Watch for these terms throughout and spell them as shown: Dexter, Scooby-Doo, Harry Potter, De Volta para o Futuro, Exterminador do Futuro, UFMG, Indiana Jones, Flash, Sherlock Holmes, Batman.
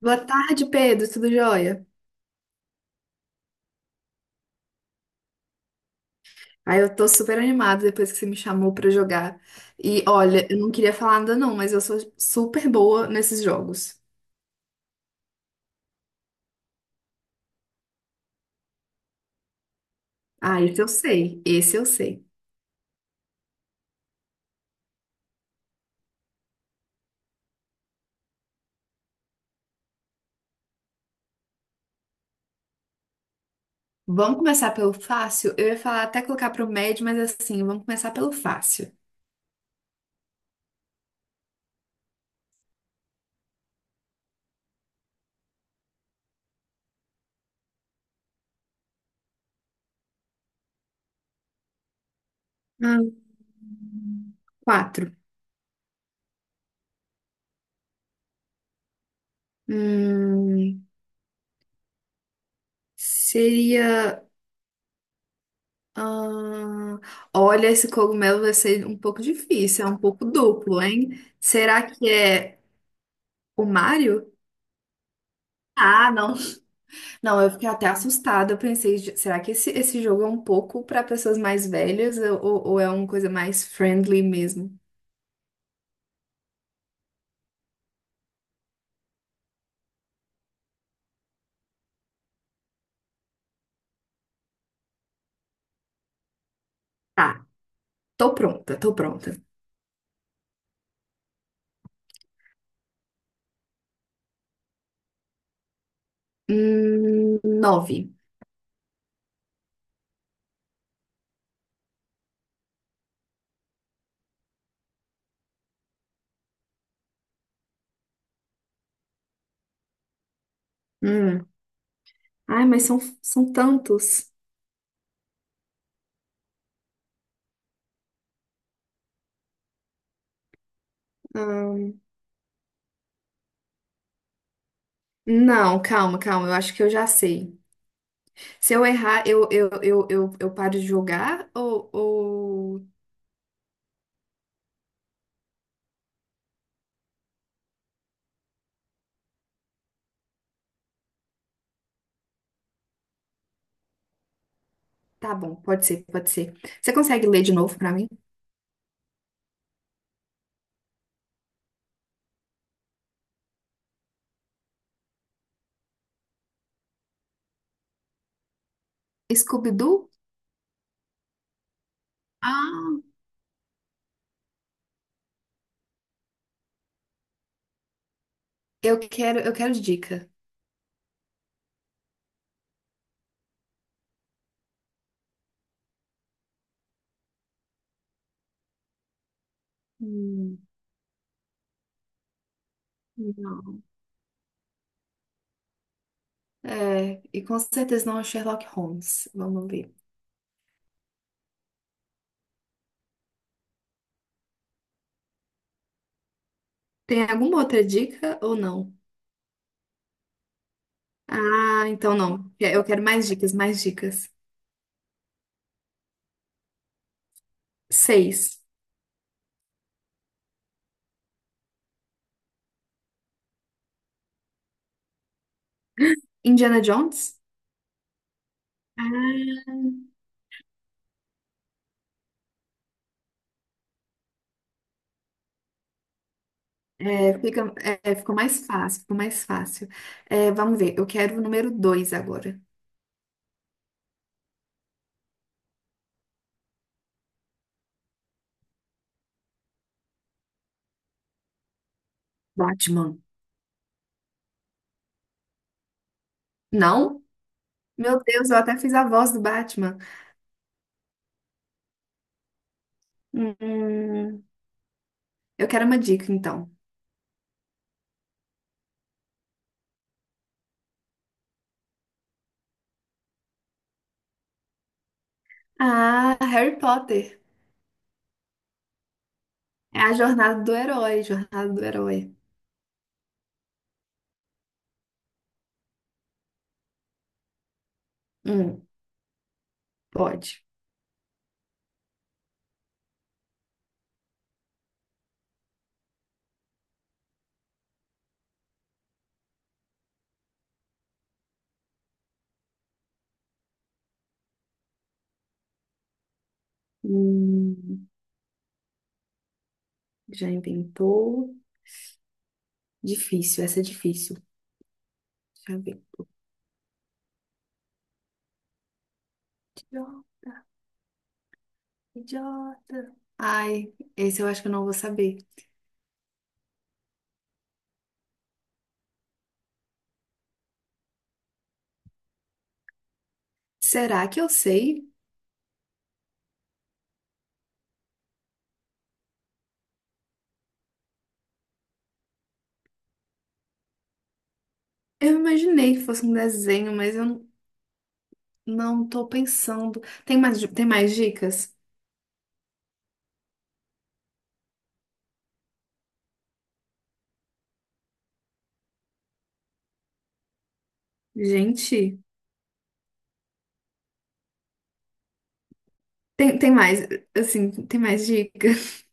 Boa tarde, Pedro, tudo jóia? Aí eu tô super animada depois que você me chamou pra jogar. E olha, eu não queria falar nada não, mas eu sou super boa nesses jogos. Ah, esse eu sei, esse eu sei. Vamos começar pelo fácil? Eu ia falar até colocar pro médio, mas assim, vamos começar pelo fácil. Ah, quatro. Hum, seria. ah, Olha, esse cogumelo vai ser um pouco difícil, é um pouco duplo, hein? Será que é o Mario? Ah, não. Não, eu fiquei até assustada. Eu pensei, "Ge- será que esse jogo é um pouco para pessoas mais velhas ou, ou é uma coisa mais friendly mesmo? Tá, tô pronta, tô pronta. Nove. Hum. Ai, mas são tantos. Ahn, não, calma, calma. Eu acho que eu já sei. Se eu errar, eu paro de jogar ou... Tá bom, pode ser, pode ser. Você consegue ler de novo pra mim? Scooby-Doo? Ah, eu quero, eu quero dica. Hum, não. É, e com certeza não é o Sherlock Holmes. Vamos ver. Tem alguma outra dica ou não? Ah, então não. Eu quero mais dicas, mais dicas. Seis. Indiana Jones? Ah, é, fica, é, ficou mais fácil, ficou mais fácil. É, vamos ver, eu quero o número dois agora. Batman. Não? Meu Deus, eu até fiz a voz do Batman. Hum, eu quero uma dica, então. Ah, Harry Potter. É a jornada do herói, jornada do herói. Hum. Pode. Hum, já inventou. Difícil, essa é difícil. Deixa eu ver. Idiota. Idiota. Ai, esse eu acho que eu não vou saber. Será que eu sei? Eu imaginei que fosse um desenho, mas eu não tô pensando. Tem mais, di- tem mais dicas? Gente, tem, tem mais, assim, tem mais dica?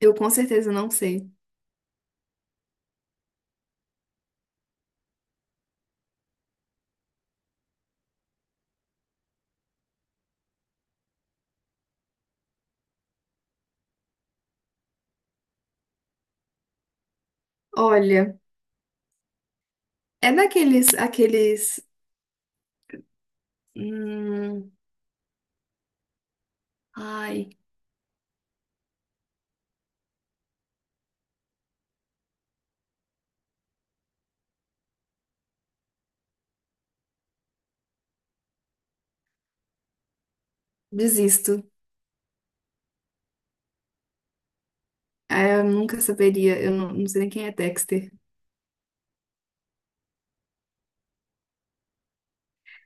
Eu com certeza não sei. Olha, é daqueles, aqueles, hum, ai, desisto. Ah, eu nunca saberia, eu não, não sei nem quem é Dexter.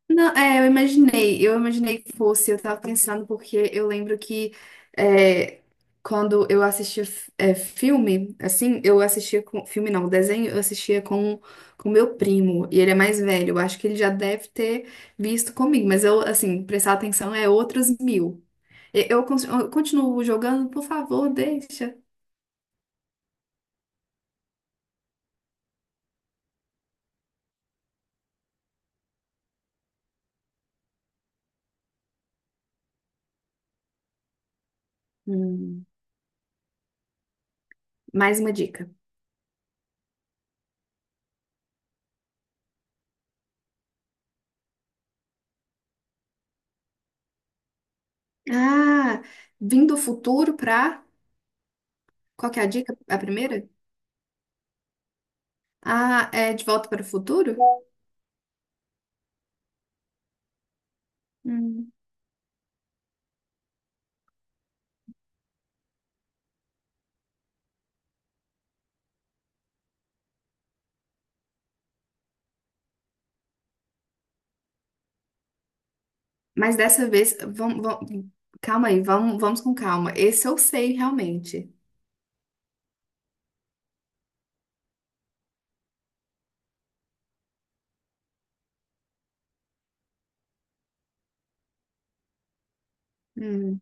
Não, é, eu imaginei que fosse, eu tava pensando porque eu lembro que é, quando eu assistia f- é, filme, assim, eu assistia com, filme não, desenho, eu assistia com meu primo, e ele é mais velho, eu acho que ele já deve ter visto comigo, mas eu, assim, prestar atenção é outros mil. E- eu, cons- eu continuo jogando, por favor, deixa. Hum, mais uma dica. Ah, vim do futuro pra. Qual que é a dica? A primeira? Ah, é De Volta para o Futuro? Hum. Mas dessa vez, vamos, vamos- calma aí, vamos, vamos com calma. Esse eu sei realmente. Hum.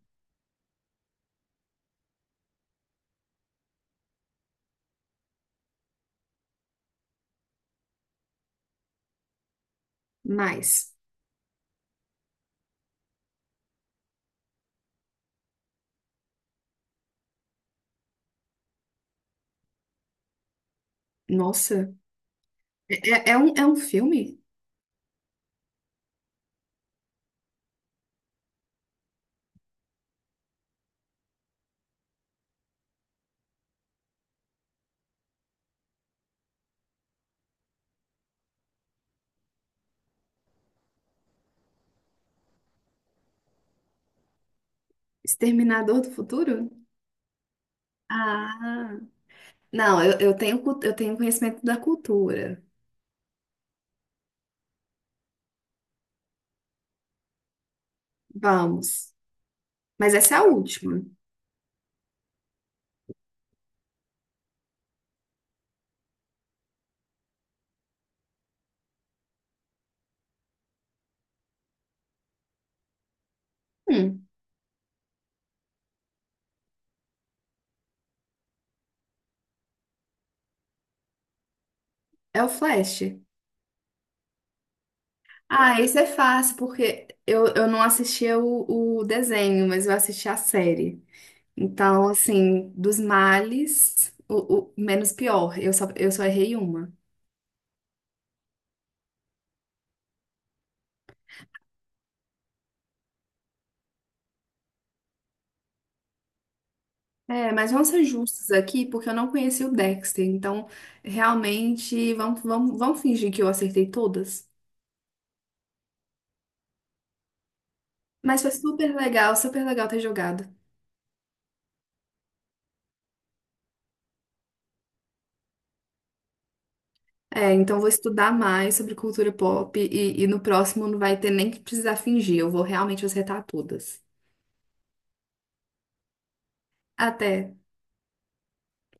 Mas, nossa, é, é um, é um filme? Exterminador do Futuro? Ah, não, eu tenho, cu- eu tenho conhecimento da cultura. Vamos. Mas essa é a última. Hum, é o Flash. Ah, esse é fácil, porque eu não assistia o desenho, mas eu assisti a série. Então, assim, dos males, o menos pior. Eu só errei uma. É, mas vamos ser justos aqui, porque eu não conheci o Dexter. Então, realmente, vamos, vamos, vamos fingir que eu acertei todas. Mas foi super legal ter jogado. É, então vou estudar mais sobre cultura pop e no próximo não vai ter nem que precisar fingir. Eu vou realmente acertar todas. Até.